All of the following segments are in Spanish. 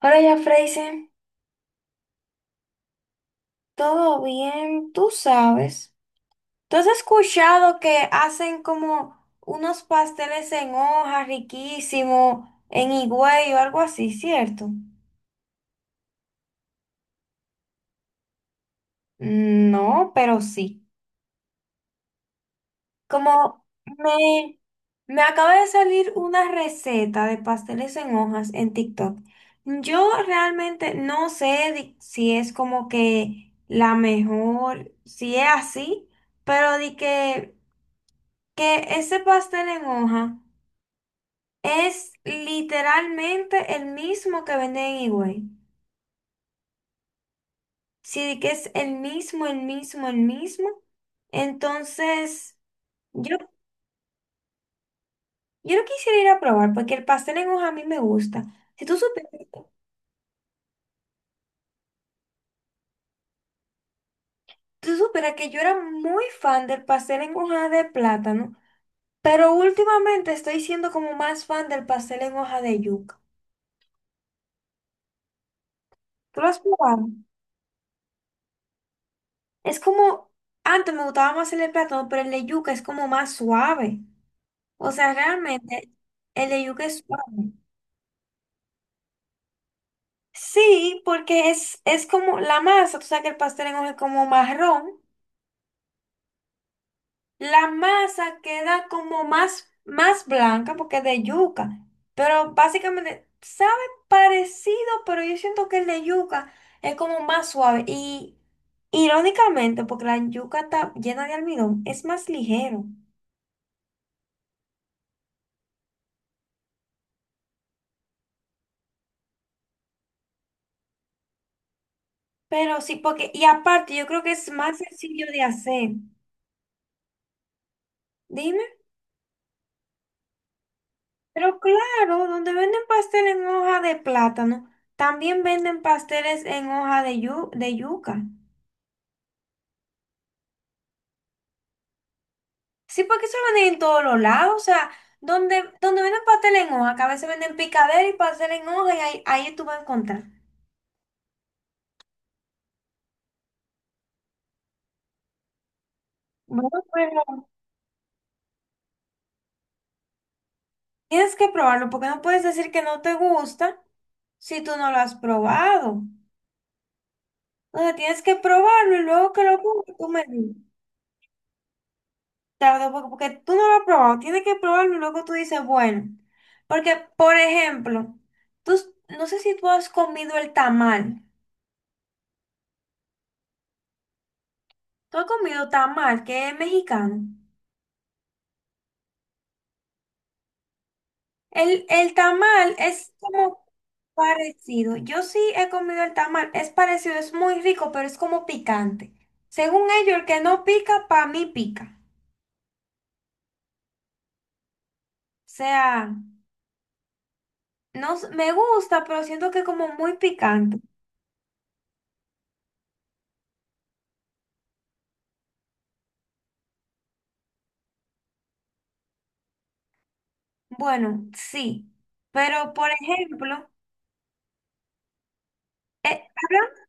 Ahora ya, Freisen, todo bien, tú sabes. ¿Tú has escuchado que hacen como unos pasteles en hoja riquísimos en Higüey o algo así, cierto? No, pero sí. Como me, Me acaba de salir una receta de pasteles en hojas en TikTok. Yo realmente no sé si es como que la mejor, si es así, pero di que ese pastel en hoja es literalmente el mismo que venden en Higüey. Sí, que es el mismo, el mismo, el mismo. Entonces, yo, yo lo quisiera ir a probar porque el pastel en hoja a mí me gusta. Si tú supieras, tú supieras que yo era muy fan del pastel en hoja de plátano, pero últimamente estoy siendo como más fan del pastel en hoja de yuca. ¿Tú lo has probado? Es como, antes me gustaba más el de plátano, pero el de yuca es como más suave. O sea, realmente el de yuca es suave. Sí, porque es como la masa. Tú sabes que el pastel en hoja es como marrón, la masa queda como más blanca porque es de yuca, pero básicamente sabe parecido, pero yo siento que el de yuca es como más suave y, irónicamente, porque la yuca está llena de almidón, es más ligero, pero sí, porque, y aparte, yo creo que es más sencillo de hacer. Dime. Pero claro, donde venden pastel en hoja de plátano también venden pasteles en hoja de, de yuca. Sí, porque eso lo venden en todos los lados. O sea, donde venden pastel en hoja, que a veces venden picadera y pastel en hoja, ahí tú vas a encontrar. Bueno, pero tienes que probarlo, porque no puedes decir que no te gusta si tú no lo has probado. Entonces tienes que probarlo y luego que lo pruebes, tú me dices. Tarde, porque tú no lo has probado, tienes que probarlo y luego tú dices, bueno, porque, por ejemplo, no sé si tú has comido el tamal, tú has comido tamal, que es mexicano. El tamal es como parecido. Yo sí he comido el tamal, es parecido, es muy rico, pero es como picante. Según ellos, el que no pica, para mí pica. O sea, no, s- me gusta, pero siento que es como muy picante. Bueno, sí, pero por ejemplo... Eh, hablan-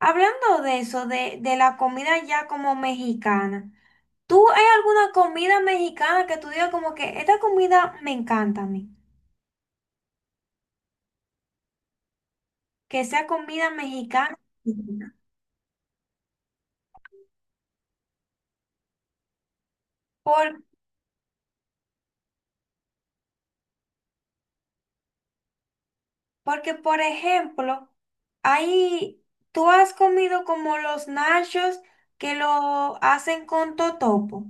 Hablando de eso, de la comida ya como mexicana, ¿tú hay alguna comida mexicana que tú digas como que esta comida me encanta a mí? Que sea comida mexicana. Por, Porque, por ejemplo, ahí, tú has comido como los nachos que lo hacen con totopo,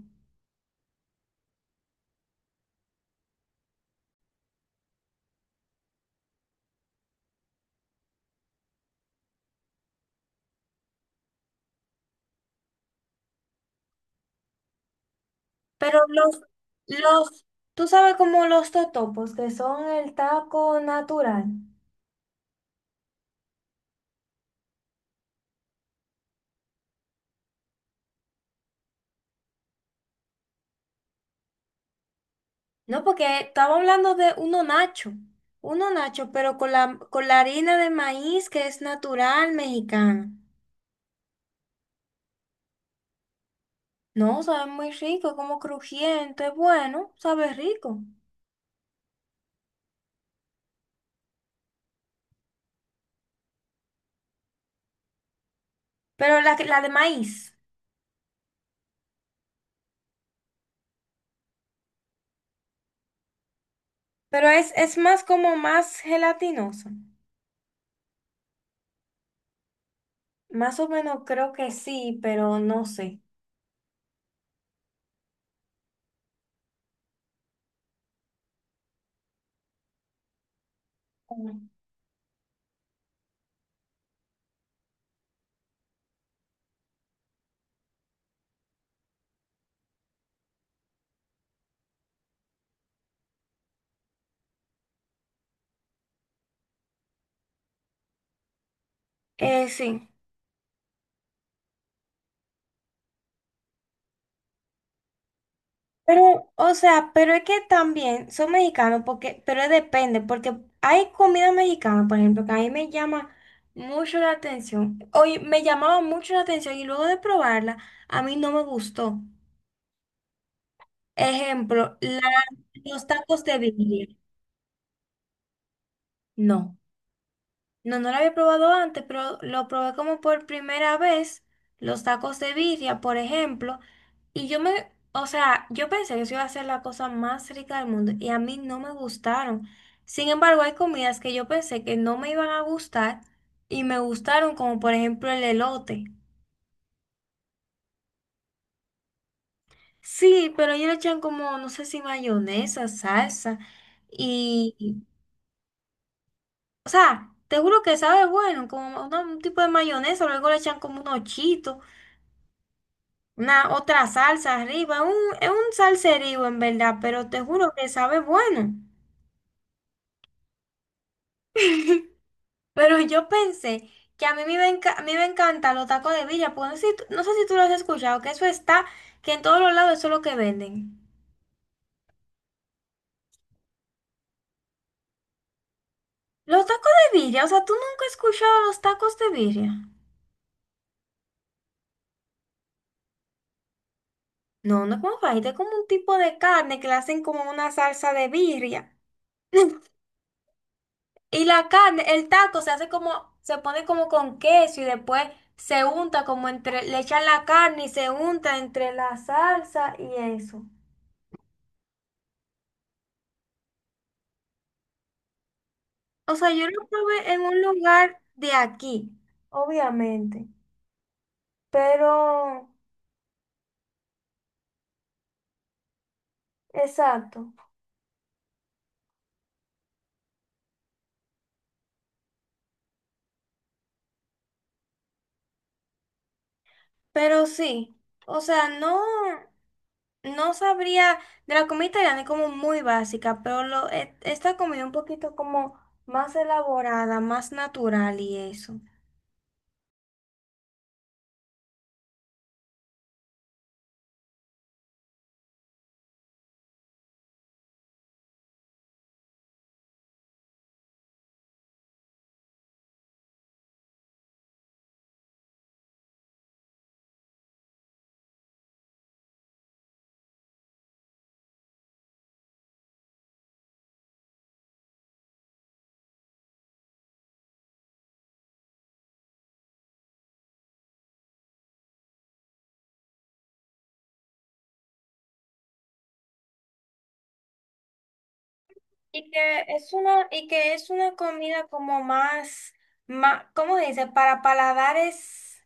pero los, tú sabes, como los totopos, que son el taco natural. No, porque estaba hablando de uno nacho, pero con la harina de maíz, que es natural mexicana. No, sabe muy rico, como crujiente, bueno, sabe rico. Pero la, la de maíz, pero es más como más gelatinosa. Más o menos creo que sí, pero no sé. Mm. Sí. Pero, o sea, pero es que también son mexicanos, porque, pero depende, porque hay comida mexicana, por ejemplo, que a mí me llama mucho la atención. Hoy me llamaba mucho la atención y luego de probarla, a mí no me gustó. Ejemplo, los tacos de birria. No. No, no lo había probado antes, pero lo probé como por primera vez, los tacos de birria, por ejemplo, y o sea, yo pensé que eso iba a ser la cosa más rica del mundo y a mí no me gustaron. Sin embargo, hay comidas que yo pensé que no me iban a gustar y me gustaron, como por ejemplo el elote. Sí, pero ellos le echan como, no sé si mayonesa, salsa y, y- o sea, te juro que sabe bueno, como un tipo de mayonesa. Luego le echan como unos chitos, una otra salsa arriba. Es un salserío en verdad, pero te juro que sabe bueno. Pero yo pensé que a mí me me iba a encantar los tacos de villa, porque no sé, si no sé si tú lo has escuchado, que eso está, que en todos los lados eso es lo que venden. Los tacos de birria, o sea, tú nunca has escuchado los tacos de birria. No, no es como fajita, es como un tipo de carne que le hacen como una salsa de birria. Y la carne, el taco se hace como, se pone como con queso y después se unta como entre, le echan la carne y se unta entre la salsa y eso. O sea, yo lo probé en un lugar de aquí, obviamente, pero, exacto, pero sí, o sea, no, no sabría, de la comida italiana es como muy básica, pero lo, esta comida un poquito como más elaborada, más natural y eso. Y que es una comida como más, más, ¿cómo se dice? Para paladares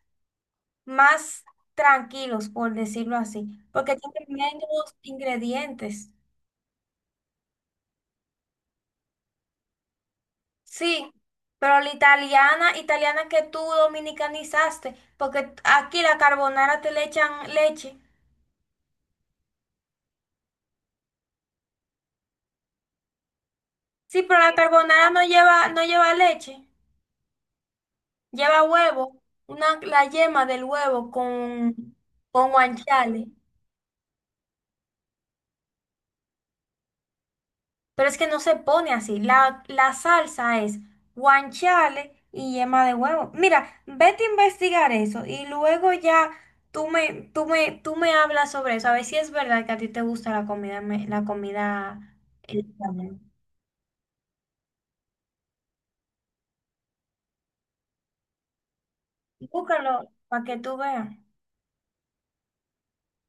más tranquilos, por decirlo así, porque tiene menos ingredientes. Sí, pero la italiana, italiana que tú dominicanizaste, porque aquí la carbonara te le echan leche. Sí, pero la carbonara no lleva, no lleva leche, lleva huevo, una, la yema del huevo con guanciale. Pero es que no se pone así. La salsa es guanciale y yema de huevo. Mira, vete a investigar eso y luego ya tú me hablas sobre eso. A ver si es verdad que a ti te gusta la la comida, italiana. Búscalo para que tú veas.